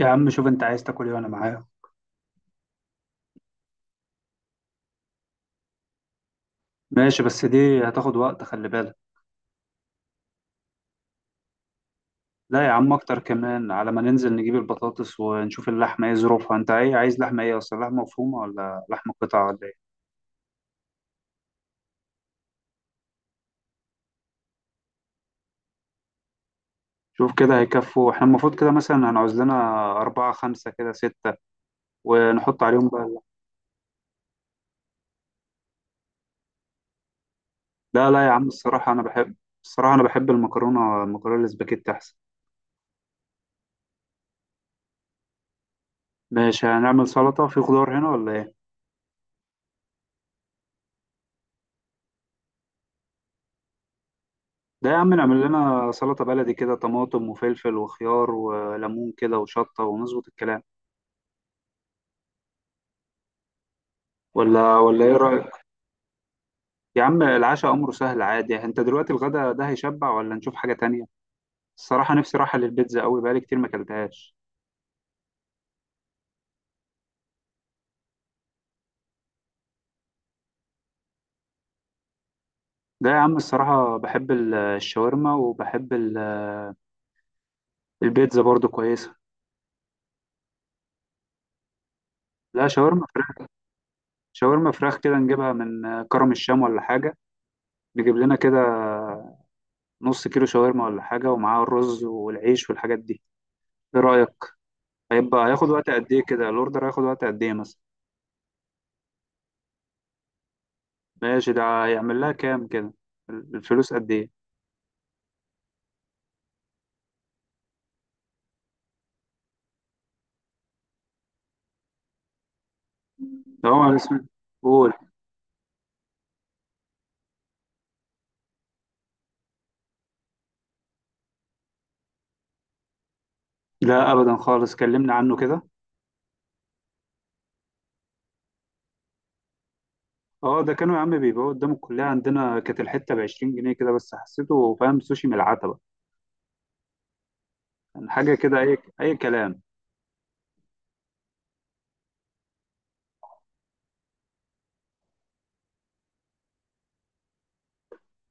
يا عم شوف انت عايز تاكل ايه وانا معايا؟ ماشي، بس دي هتاخد وقت، خلي بالك. لا يا عم، اكتر كمان. على ما ننزل نجيب البطاطس ونشوف اللحمه ايه ظروفها. انت ايه عايز لحمه ايه اصلا؟ لحمه مفرومه ولا لحمه قطع ولا ايه؟ شوف كده هيكفوا. احنا المفروض كده مثلا هنعوز لنا أربعة خمسة كده ستة، ونحط عليهم بقى اللحمة. لا لا يا عم، الصراحة أنا بحب المكرونة، المكرونة الاسباجيتي أحسن. ماشي، هنعمل سلطة في خضار هنا ولا ايه؟ ده يا عم نعمل لنا سلطة بلدي كده، طماطم وفلفل وخيار وليمون كده وشطة، ونظبط الكلام. ولا ايه رأيك؟ يا عم العشاء أمره سهل عادي. انت دلوقتي الغدا ده هيشبع ولا نشوف حاجة تانية؟ الصراحة نفسي راحة للبيتزا قوي، بقالي كتير ما اكلتهاش. ده يا عم الصراحة بحب الشاورما، وبحب البيتزا برضو كويسة. لا، شاورما فراخ. شاورما فراخ كده نجيبها من كرم الشام ولا حاجة، نجيب لنا كده نص كيلو شاورما ولا حاجة، ومعاه الرز والعيش والحاجات دي. ايه رأيك؟ هيبقى هياخد وقت قد ايه كده؟ الاوردر هياخد وقت قد ايه مثلا؟ ماشي، ده هيعمل لها كام كده؟ الفلوس قد ايه؟ ده هو اسمه. قول. لا ابدا خالص، كلمنا عنه كده. اه، ده كانوا يا عم بيبيعوه قدام الكليه عندنا، كانت الحته ب 20 جنيه كده، بس حسيته فاهم سوشي من العتبه، يعني حاجه كده اي اي كلام.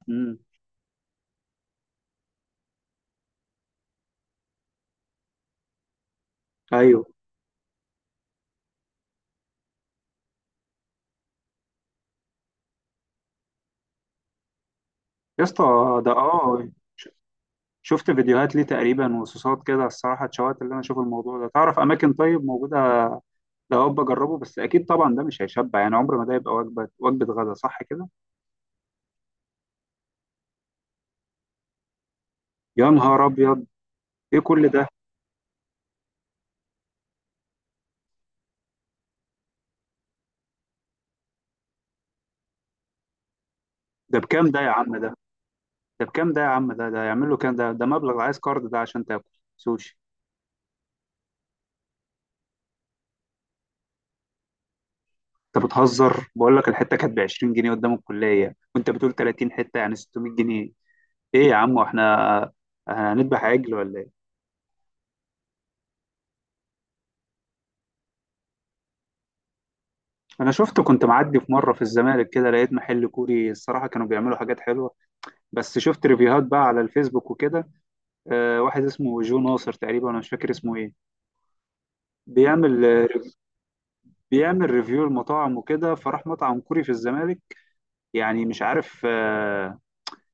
امم ايوه. يا اسطى. ده اه ش- شفت فيديوهات ليه تقريبا وصوصات كده، الصراحه اتشوقت اللي انا اشوف الموضوع ده. تعرف اماكن طيب موجوده؟ لا هو بجربه، بس اكيد طبعا ده مش هيشبع، يعني عمر ما ده يبقى وجبه، وجبه غدا صح كده. يا نهار ابيض، ايه كل ده؟ ده بكام ده يا عم ده؟ ده بكام ده يا عم ده؟ ده يعمل له كام ده؟ ده مبلغ عايز كارد ده عشان تاكل سوشي. انت بتهزر، بقول لك الحته كانت ب 20 جنيه قدام الكليه وانت بتقول 30 حته، يعني 600 جنيه. ايه يا عم، واحنا هنذبح عجل ولا ايه؟ انا شفت كنت معدي في مره في الزمالك كده، لقيت محل كوري، الصراحه كانوا بيعملوا حاجات حلوه. بس شفت ريفيوهات بقى على الفيسبوك وكده، واحد اسمه جو ناصر تقريبا، انا مش فاكر اسمه ايه. بيعمل آه، بيعمل ريفيو المطاعم وكده، فراح مطعم كوري في الزمالك. يعني مش عارف،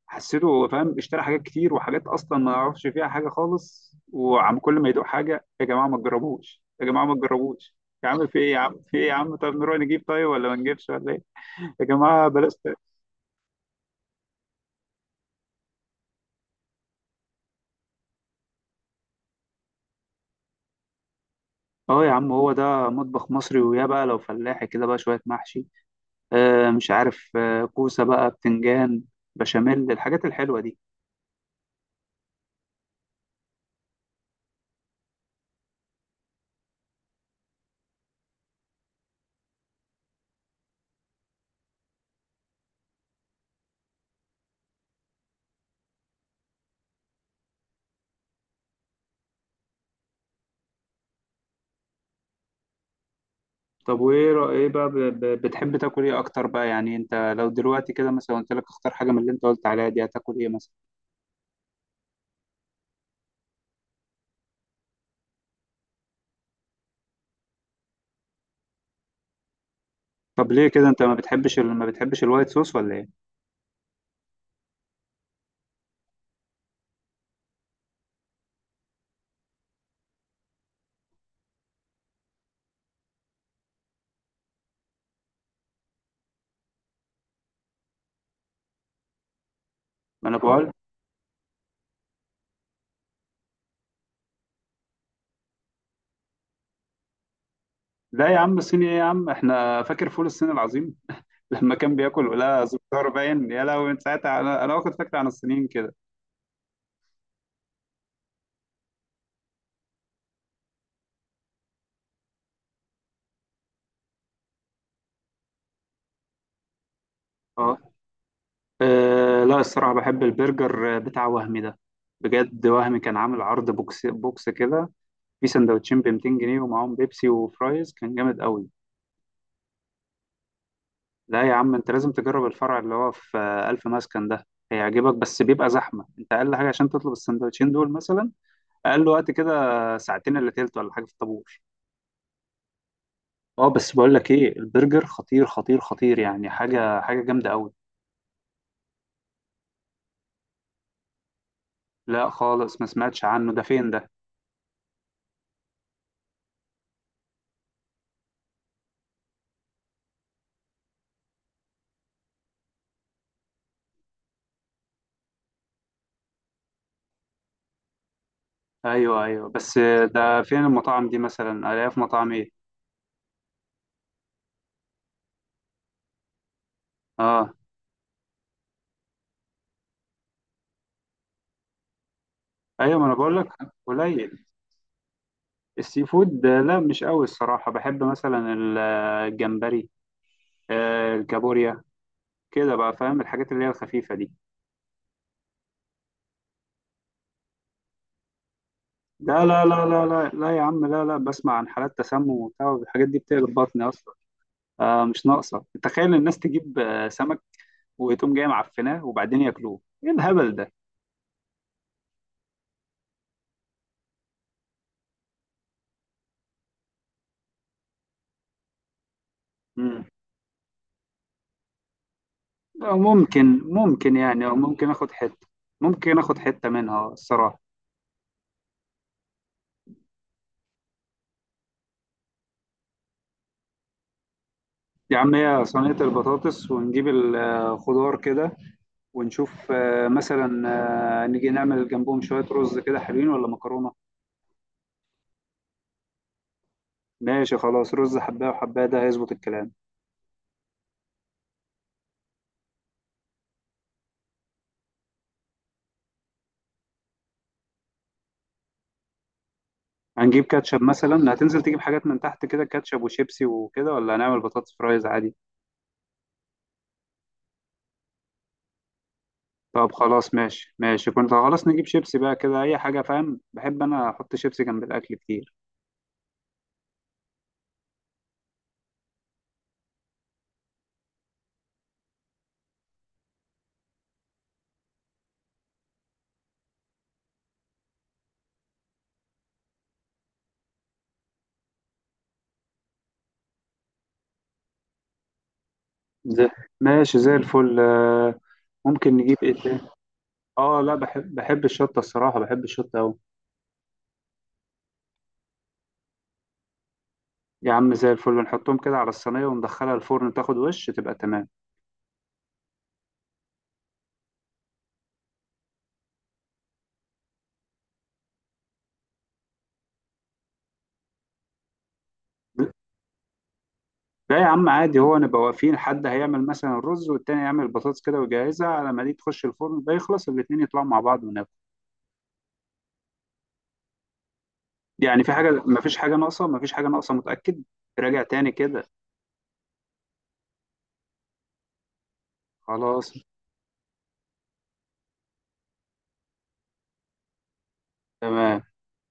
حسيته فاهم اشترى حاجات كتير وحاجات اصلا ما يعرفش فيها حاجه خالص، وعم كل ما يدوق حاجه: يا جماعه ما تجربوش، يا جماعه ما تجربوش. يا عم في ايه يا عم، في ايه يا عم؟ طب نروح نجيب طيب، ولا ما نجيبش ولا ايه؟ يا جماعه بلاش اه يا عم، هو ده مطبخ مصري، ويا بقى لو فلاحي كده بقى شويه محشي، مش عارف، كوسة بقى، بتنجان، بشاميل، الحاجات الحلوة دي. طب وإيه إيه بقى بتحب تاكل إيه أكتر بقى؟ يعني أنت لو دلوقتي كده مثلا قلت لك اختار حاجة من اللي أنت قلت عليها دي، هتاكل إيه مثلا؟ طب ليه كده أنت ما بتحبش الوايت صوص ولا إيه؟ ما أنا بقول. لا يا عم، الصيني إيه يا عم؟ إحنا فاكر فول الصين العظيم. لما كان بياكل ولا زفار باين، يا لهوي، من ساعتها أنا واخد فكرة عن الصينيين كده. أه، لا الصراحة بحب البرجر بتاع وهمي ده، بجد. وهمي كان عامل عرض بوكس بوكس كده، في سندوتشين ب 200 جنيه ومعاهم بيبسي وفرايز، كان جامد قوي. لا يا عم، انت لازم تجرب الفرع اللي هو في ألف مسكن ده. هيعجبك، بس بيبقى زحمة. انت أقل حاجة عشان تطلب السندوتشين دول مثلا، أقل وقت كده، ساعتين إلا تلت ولا حاجة في الطابور. اه بس بقول لك ايه، البرجر خطير خطير خطير، يعني حاجة جامدة قوي. لا خالص، ما سمعتش عنه. ده فين ده؟ ايوه ايوه، بس ده فين المطاعم دي مثلا؟ الاقيها في مطاعم ايه؟ اه ايوه، ما انا بقول لك. قليل. السي فود لا مش قوي. الصراحة بحب مثلا الجمبري، الكابوريا، كده بقى فاهم، الحاجات اللي هي الخفيفة دي. لا لا لا لا لا لا يا عم، لا لا، بسمع عن حالات تسمم وبتاع، الحاجات دي بتقلب بطني أصلا. آه مش ناقصة، تخيل الناس تجيب سمك، وتقوم جاي معفناه وبعدين ياكلوه، ايه الهبل ده؟ مم. ممكن يعني، أو ممكن اخد حتة، ممكن اخد حتة منها الصراحة. يا عم هي صينية البطاطس ونجيب الخضار كده، ونشوف مثلا، نيجي نعمل جنبهم شوية رز كده حلوين ولا مكرونة. ماشي خلاص، رز حباية وحباية، ده هيظبط الكلام. هنجيب كاتشب مثلا؟ هتنزل تجيب حاجات من تحت كده، كاتشب وشيبسي وكده، ولا هنعمل بطاطس فرايز عادي؟ طب خلاص ماشي، كنت خلاص نجيب شيبسي بقى كده أي حاجة، فاهم، بحب أنا أحط شيبسي جنب الأكل كتير. زي. ماشي زي الفل. ممكن نجيب إيه تاني؟ آه لا، بحب الشطة، الصراحة بحب الشطة أوي. يا عم زي الفل، نحطهم كده على الصينية وندخلها الفرن، تاخد وش تبقى تمام. لا يا عم عادي، هو نبقى واقفين، حد هيعمل مثلا الرز والتاني يعمل البطاطس كده ويجهزها، على ما دي تخش الفرن ده يخلص الاتنين، يطلعوا مع بعض وناكل. يعني في حاجة؟ مفيش حاجة ناقصة، مفيش حاجة ناقصة متأكد. راجع تاني كده. خلاص. تمام.